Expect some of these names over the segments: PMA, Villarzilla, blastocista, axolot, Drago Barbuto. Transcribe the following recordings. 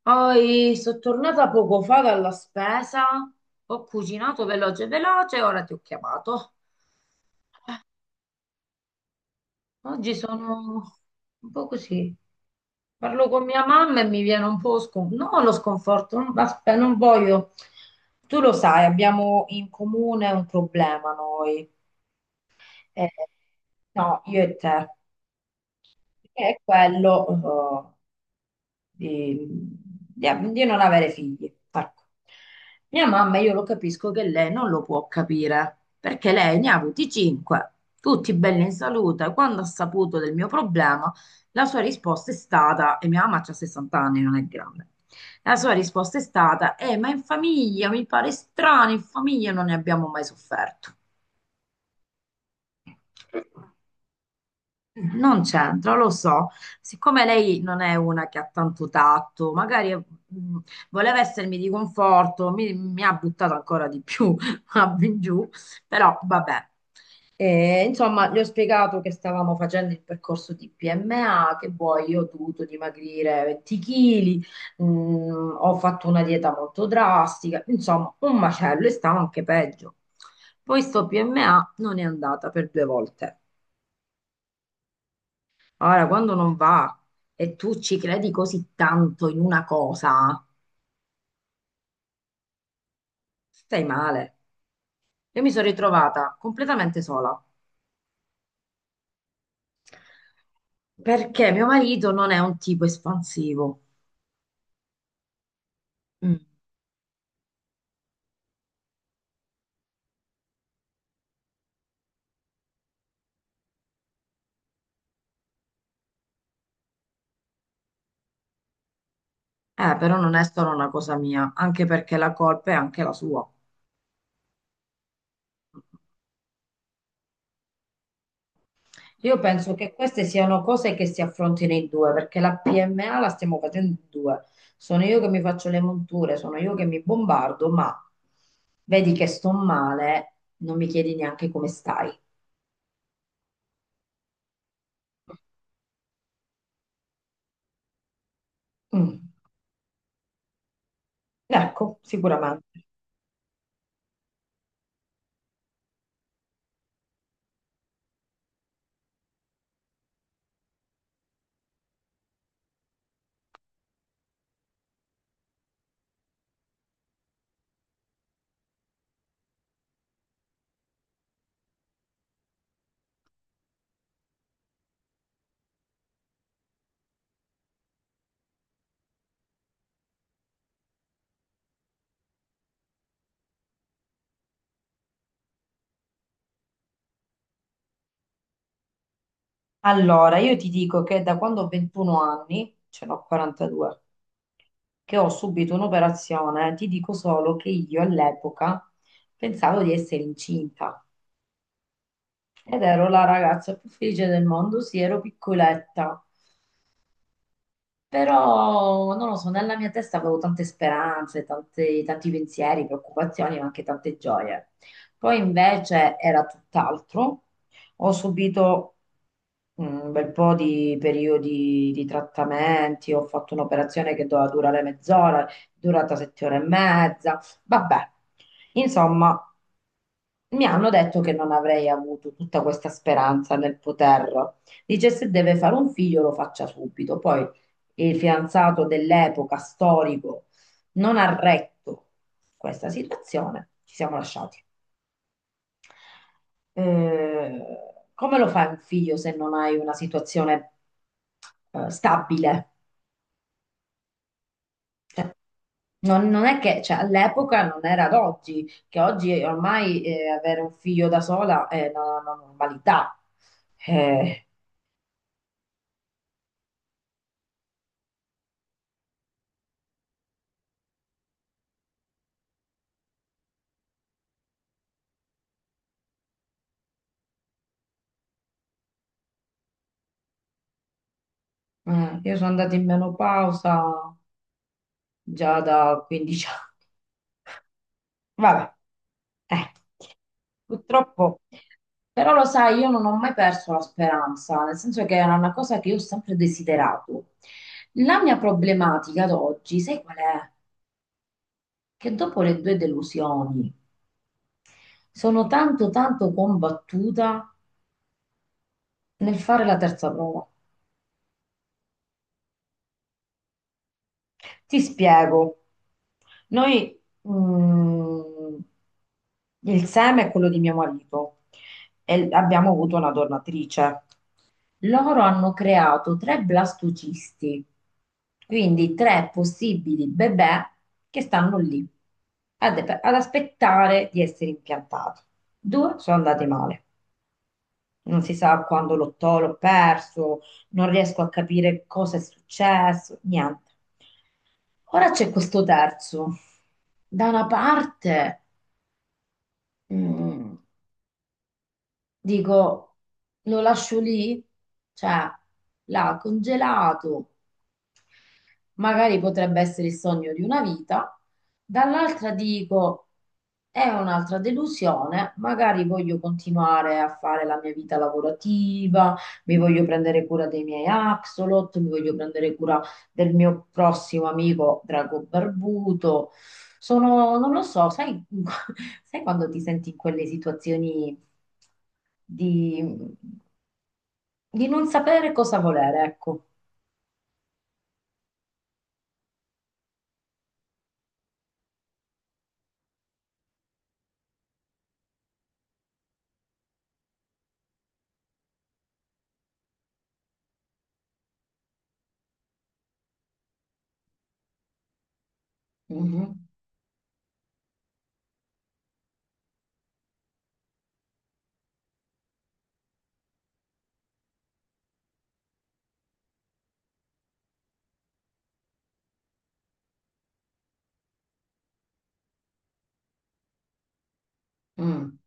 Poi sono tornata poco fa dalla spesa, ho cucinato veloce veloce, ora ti ho chiamato. Oggi sono un po' così. Parlo con mia mamma e mi viene un po' no, lo sconforto, non, non voglio. Tu lo sai, abbiamo in comune un problema noi. Eh, no, io e te, che è quello, eh, di, di non avere figli. Ecco. Mia mamma, io lo capisco che lei non lo può capire, perché lei ne ha avuti cinque, tutti belli in salute. Quando ha saputo del mio problema, la sua risposta è stata, e mia mamma ha 60 anni, non è grande. La sua risposta è stata, ma in famiglia mi pare strano, in famiglia non ne abbiamo mai sofferto. Non c'entra, lo so. Siccome lei non è una che ha tanto tatto, magari voleva essermi di conforto, mi ha buttato ancora di più in giù, però vabbè. E, insomma, gli ho spiegato che stavamo facendo il percorso di PMA, che poi io ho dovuto dimagrire 20 kg, ho fatto una dieta molto drastica, insomma, un macello e stava anche peggio. Poi sto PMA non è andata per due volte. Ora, quando non va e tu ci credi così tanto in una cosa, stai male. Io mi sono ritrovata completamente sola perché mio marito non è un tipo espansivo. Mm. Però non è solo una cosa mia, anche perché la colpa è anche la sua. Io penso che queste siano cose che si affrontino in due, perché la PMA la stiamo facendo in due. Sono io che mi faccio le monture, sono io che mi bombardo, ma vedi che sto male, non mi chiedi neanche come stai. Mm. Ecco, sicuramente. Allora, io ti dico che da quando ho 21 anni, ce n'ho 42, che ho subito un'operazione, ti dico solo che io all'epoca pensavo di essere incinta. Ed ero la ragazza più felice del mondo, sì, ero piccoletta, però non lo so, nella mia testa avevo tante speranze, tanti pensieri, preoccupazioni, ma anche tante gioie. Poi invece era tutt'altro. Ho subito un bel po' di periodi di trattamenti, ho fatto un'operazione che doveva durare mezz'ora, è durata sette ore e mezza, vabbè. Insomma, mi hanno detto che non avrei avuto tutta questa speranza nel poter. Dice se deve fare un figlio lo faccia subito. Poi il fidanzato dell'epoca storico non ha retto questa situazione, ci siamo lasciati. Eh, come lo fai un figlio se non hai una situazione stabile? Cioè, non, non è che cioè, all'epoca non era ad oggi, che oggi ormai avere un figlio da sola è una normalità. Eh, Eh, io sono andata in menopausa già da 15 anni. Vabbè, eh, purtroppo. Però lo sai, io non ho mai perso la speranza, nel senso che era una cosa che io ho sempre desiderato. La mia problematica ad oggi, sai qual è? Che dopo le due delusioni sono tanto tanto combattuta nel fare la terza prova. Ti spiego. Noi, mm, il seme è quello di mio marito e abbiamo avuto una donatrice. Loro hanno creato tre blastocisti, quindi tre possibili bebè che stanno lì ad aspettare di essere impiantati. Due sono andati male, non si sa quando l'ho perso, non riesco a capire cosa è successo, niente. Ora c'è questo terzo. Da una parte, mm, dico, lo lascio lì? Cioè, l'ha congelato, magari potrebbe essere il sogno di una vita. Dall'altra dico, è un'altra delusione, magari voglio continuare a fare la mia vita lavorativa, mi voglio prendere cura dei miei axolot, mi voglio prendere cura del mio prossimo amico Drago Barbuto. Sono, non lo so, sai, sai quando ti senti in quelle situazioni di, di non sapere cosa volere, ecco. Mhm. Mm.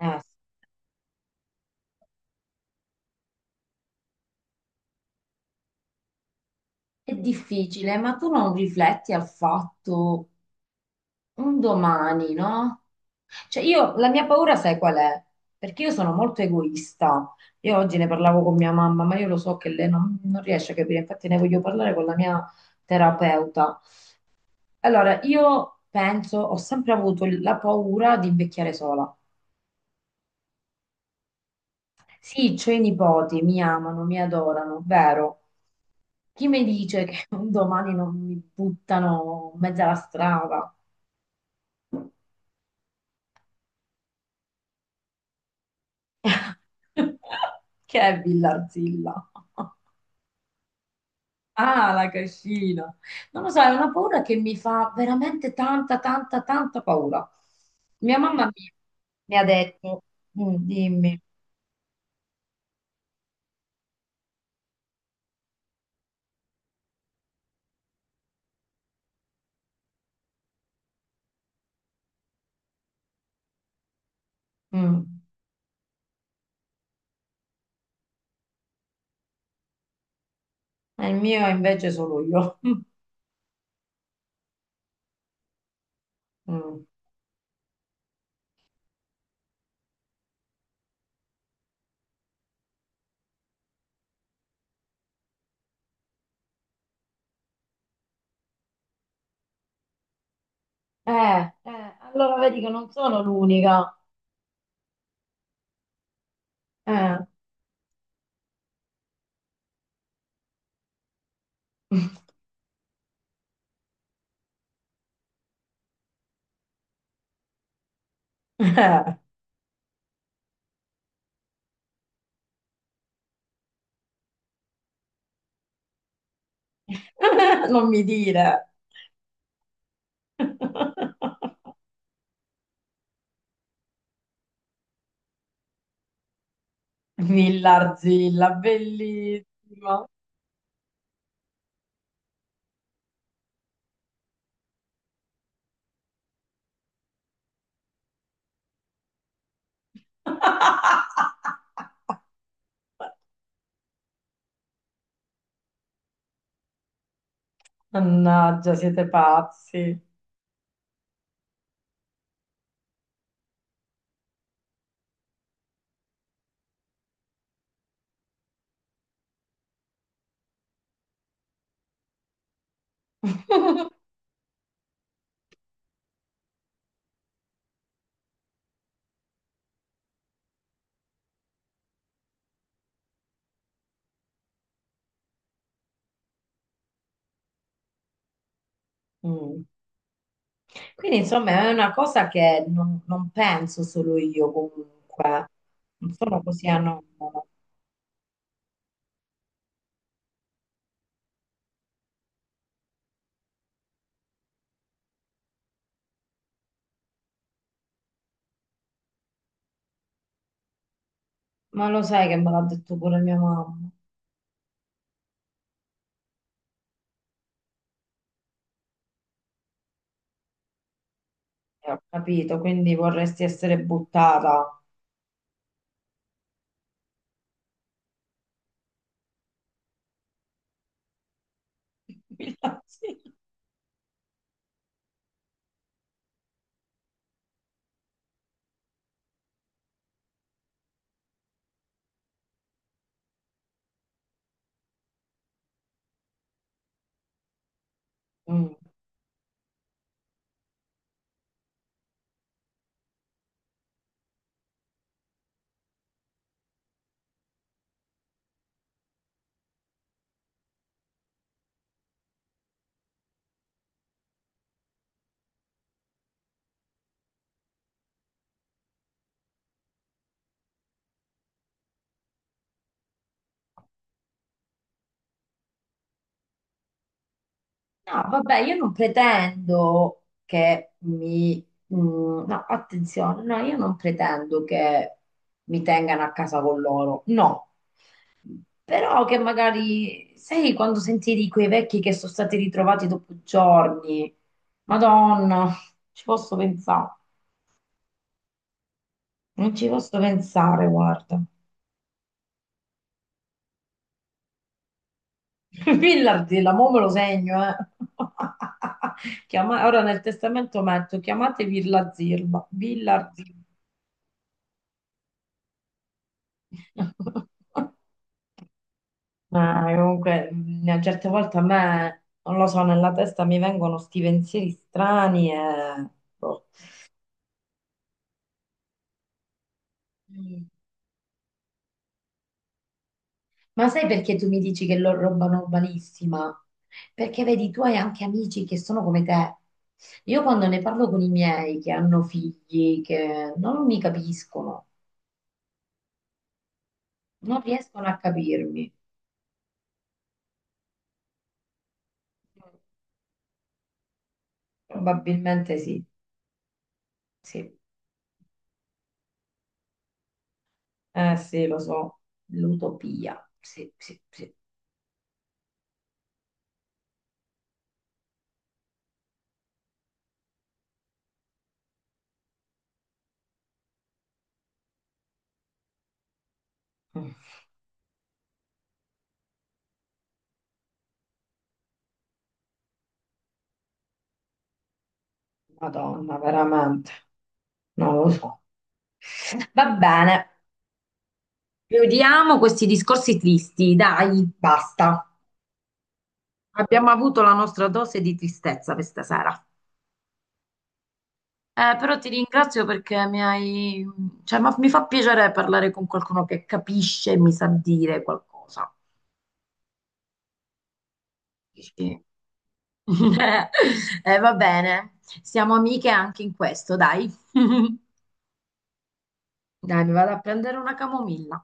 Eh, è difficile, ma tu non rifletti al fatto un domani, no? Cioè io, la mia paura sai qual è? Perché io sono molto egoista. Io oggi ne parlavo con mia mamma, ma io lo so che lei non, non riesce a capire, infatti ne voglio parlare con la mia terapeuta. Allora, io penso, ho sempre avuto la paura di invecchiare sola. Sì, c'ho i nipoti, mi amano, mi adorano, vero? Chi mi dice che un domani non mi buttano in mezzo alla strada? Che è Villarzilla? Ah, la cascina. Non lo so, è una paura che mi fa veramente tanta, tanta, tanta paura. Mia mamma mi, mi ha detto, "Mm, dimmi, Mm. E il mio è invece solo io. Mm. Allora vedi che non sono l'unica. Eh. Eh. Non mi dire. Villarzilla, bellissima. Mannaggia, siete pazzi. Mm. Quindi insomma è una cosa che non, non penso solo io comunque, non sono così anomala, ma lo sai che me l'ha detto pure mia mamma e ho capito, quindi vorresti essere buttata. Sì. Mm. No, vabbè, io non pretendo che mi... no, attenzione, no, io non pretendo che mi tengano a casa con loro, no. Però che magari, sai, quando sentivi quei vecchi che sono stati ritrovati dopo giorni, Madonna, ci posso pensare, non ci posso pensare, guarda. Pillardi, la mo me lo segno, eh. Ora nel testamento metto, chiamate Villa Zirba, Villa Zirba. Ma comunque, a certe volte a me, non lo so, nella testa mi vengono sti pensieri strani e... boh. Mm. Ma sai perché tu mi dici che lo roba normalissima? Perché vedi, tu hai anche amici che sono come te. Io quando ne parlo con i miei che hanno figli, che non mi capiscono, non riescono a capirmi. Probabilmente sì, sì. Eh sì, lo so, l'utopia. Sì, sì, sì. Madonna, veramente, non lo so. Va bene, chiudiamo questi discorsi tristi, dai. Basta. Abbiamo avuto la nostra dose di tristezza questa sera. Però ti ringrazio perché mi hai... cioè, mi fa piacere parlare con qualcuno che capisce e mi sa dire qualcosa. Dici? Va bene, siamo amiche anche in questo, dai. Dai, mi vado a prendere una camomilla.